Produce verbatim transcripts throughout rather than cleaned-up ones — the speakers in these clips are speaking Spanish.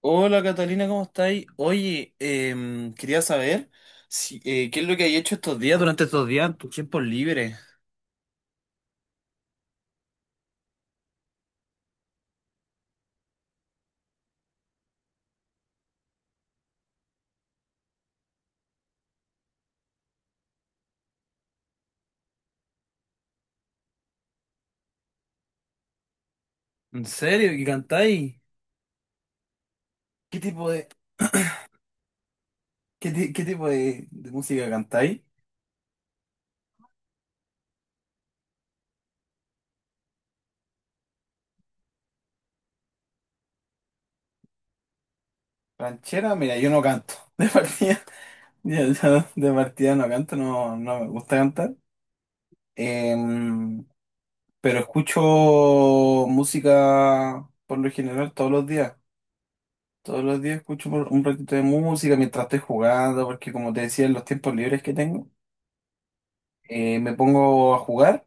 Hola Catalina, ¿cómo estáis? Oye, em, quería saber si, eh, qué es lo que hay hecho estos días, durante estos días, en tus tiempos libres. ¿En serio? ¿Y cantáis? ¿Qué tipo de, qué, ti- qué tipo de, de música cantáis? ¿Ranchera? Mira, yo no canto. De partida, yo- yo de partida no canto, no, no me gusta cantar. Em, pero escucho música por lo general todos los días. Todos los días escucho por un ratito de música mientras estoy jugando, porque como te decía, en los tiempos libres que tengo, eh, me pongo a jugar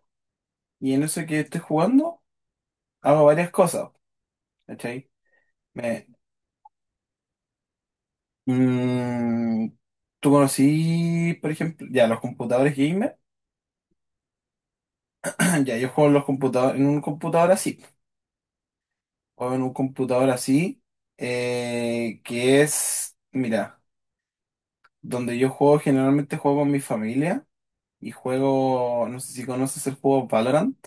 y en eso que estoy jugando hago varias cosas, ¿cachai? Me, mm, tú conocí, por ejemplo, ya los computadores gamer, ya yo juego en los computadores, en un computador así, o en un computador así, eh, que es, mira, donde yo juego generalmente juego con mi familia y juego, no sé si conoces el juego Valorant.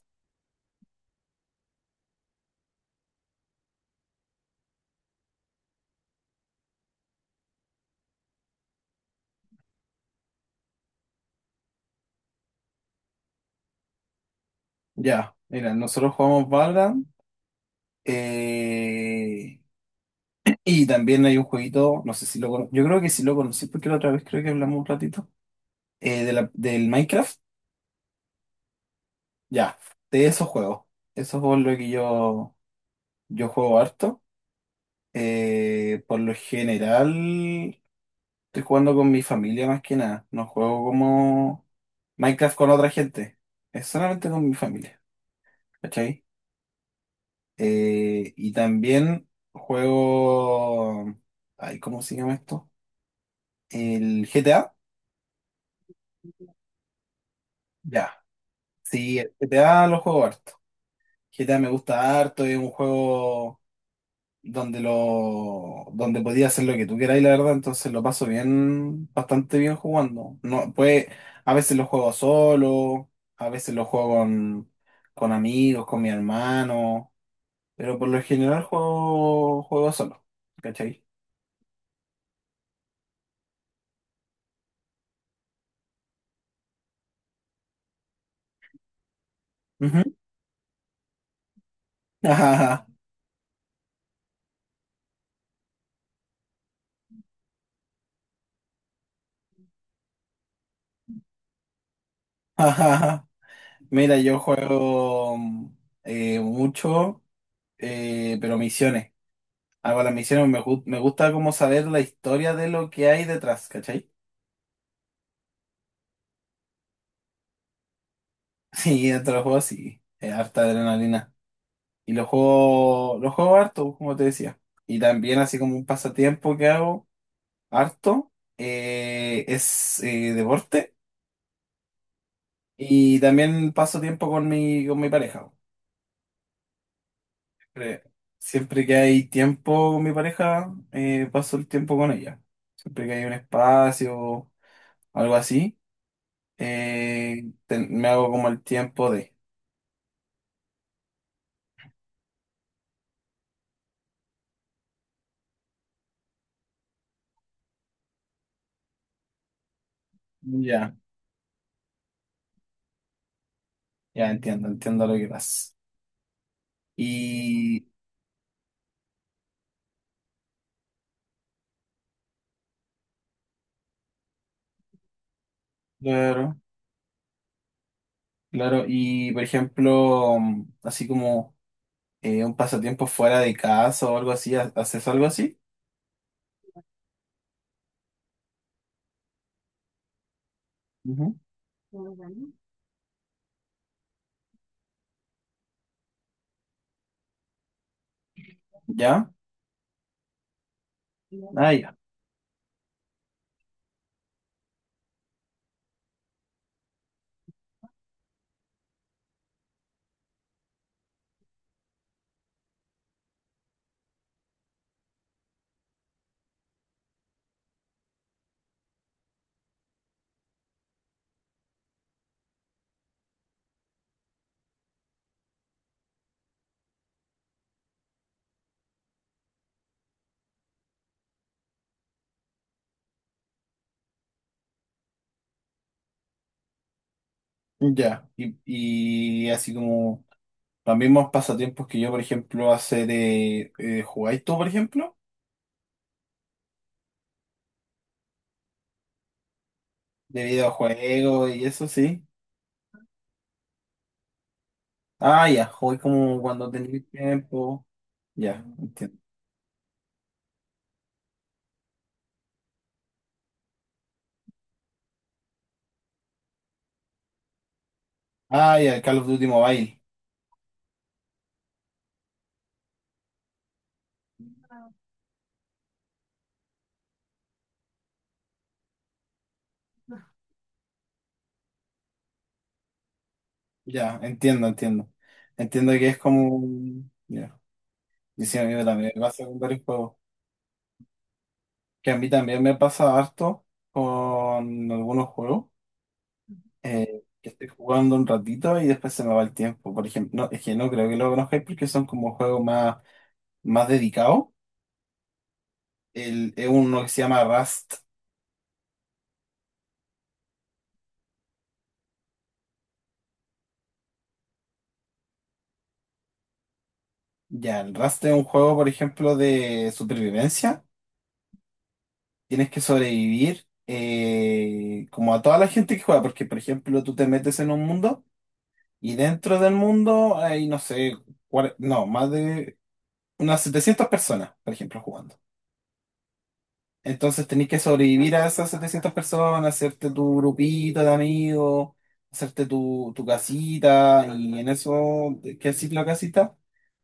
Ya, mira, nosotros jugamos Valorant, eh, y también hay un jueguito, no sé si lo conoces, yo creo que sí lo conocí porque la otra vez creo que hablamos un ratito, eh, de la- del Minecraft, ya, de esos juegos, esos juegos lo que yo, yo juego harto, eh, por lo general estoy jugando con mi familia más que nada, no juego como Minecraft con otra gente, es solamente con mi familia, ¿cachai? Eh, y también juego. Ay, ¿cómo se llama esto? El G T A. Ya. Sí, el G T A lo juego harto. G T A me gusta harto, es un juego donde lo donde podías hacer lo que tú queráis, la verdad, entonces lo paso bien, bastante bien jugando. No, pues a veces lo juego solo, a veces lo juego con, con amigos, con mi hermano, pero por lo general juego, juego solo, ¿cachai? Ujú. Ajá, ajá. Mira, yo juego mm, eh, mucho, eh, pero misiones. Hago las misiones, me, gu- me gusta como saber la historia de lo que hay detrás, ¿cachai? Sí, dentro de los juegos sí, es harta adrenalina. Y los juego, los juego harto, como te decía. Y también así como un pasatiempo que hago harto, eh, es eh, deporte. Y también paso tiempo con mi, con mi pareja. Siempre, siempre que hay tiempo con mi pareja, eh, paso el tiempo con ella. Siempre que hay un espacio, algo así, eh, te- me hago como el tiempo de. Ya, ya entiendo, entiendo lo que pasa. Y, claro, claro, y por ejemplo, mm, así como eh, un pasatiempo fuera de casa o algo así, ¿ha- ¿haces algo así? Ujú. ¿Ya? Ah, ya, ya. Y, y así como. Los mismos pasatiempos que yo, por ejemplo, hace de. Eh, ¿jugáis tú, por ejemplo? De videojuegos y eso, sí. Ah, ya, jugué como cuando tenía tiempo. Ya, entiendo. Ah, ya, el Call of Duty Mobile. Ya, entiendo, entiendo. Entiendo que es como... un- Ya. Y sí, a mí también me pasa con varios juegos. Que a mí también me pasa harto con algunos juegos. eh, que estoy jugando un ratito y después se me va el tiempo. Por ejemplo, no, es que no creo que lo conozcáis porque son como juegos más, más dedicados. El, es uno que se llama Rust. Ya, el Rust es un juego, por ejemplo, de supervivencia. Tienes que sobrevivir eh, como a toda la gente que juega, porque, por ejemplo, tú te metes en un mundo y dentro del mundo hay, no sé, cuar- no, más de unas setecientas personas, por ejemplo, jugando. Entonces tenés que sobrevivir a esas setecientas personas, hacerte tu grupito de amigos, hacerte tu, tu casita y en eso, ¿qué es la casita?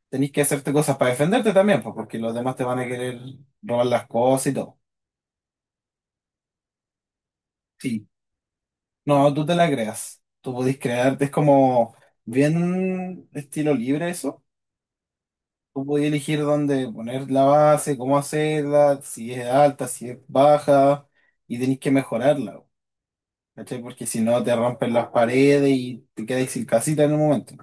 Tenés que hacerte cosas para defenderte también, pues, porque los demás te van a querer robar las cosas y todo. Sí, no, tú te la creas. Tú podés crearte, es como bien estilo libre eso. Tú podés elegir dónde poner la base, cómo hacerla, si es alta, si es baja, y tenés que mejorarla, ¿cachai? Porque si no te rompen las paredes y te quedas sin casita en un momento.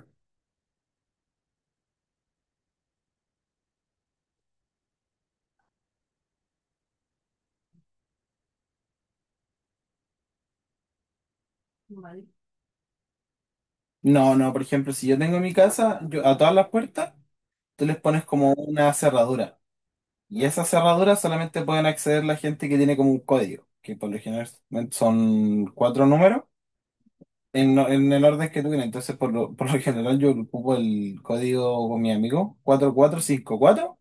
No, no, por ejemplo, si yo tengo mi casa, yo a todas las puertas, tú les pones como una cerradura. Y esas cerraduras solamente pueden acceder la gente que tiene como un código, que por lo general son cuatro números en, no- en el orden que tú tienes. Entonces, por lo, por lo general, yo ocupo el código con mi amigo, cuatro cuatro cinco cuatro.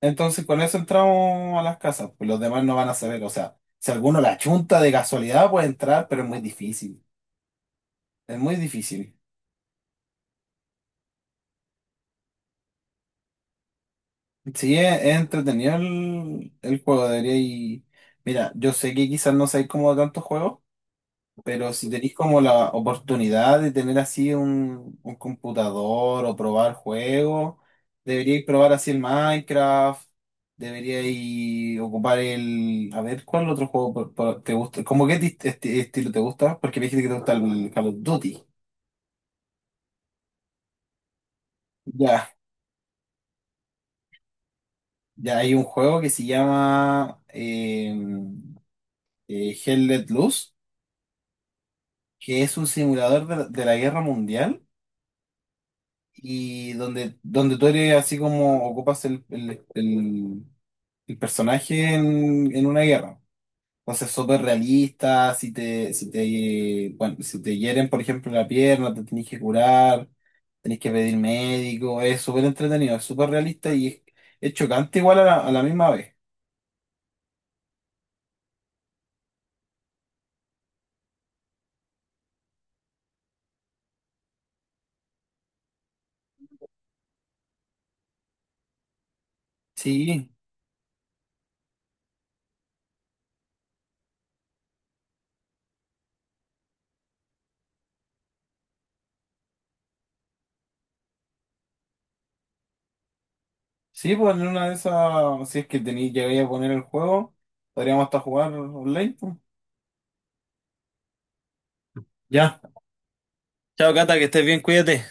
Entonces, con eso entramos a las casas, pues los demás no van a saber. O sea, si alguno la chunta de casualidad puede entrar, pero es muy difícil. Es muy difícil. Sí, es, es entretenido el, el juego, debería y. Mira, yo sé que quizás no sé cómo tantos juegos. Pero si tenéis como la oportunidad de tener así un, un computador o probar juegos, deberíais probar así el Minecraft, deberíais ocupar el. A ver, ¿cuál otro juego por- por- te gusta? ¿Cómo qué ti- esti- estilo te gusta? Porque me dijiste que te gusta el Call of Duty. Ya, ya hay un juego que se llama eh, eh, Hell Let Loose, que es un simulador de la de la guerra mundial. Y donde, donde tú eres así como ocupas el, el, el- el personaje en, en una guerra. Entonces, súper realista, si te, si te, bueno, si te hieren, por ejemplo, la pierna, te tenés que curar, tenés que pedir médico, es súper entretenido, es súper realista y es, es chocante igual a la, a la misma vez. Sí, sí, pues en una de esas, si es que tenéis, llegáis a poner el juego, podríamos hasta jugar online, pues. Ya. Chao, Cata, que estés bien, cuídate.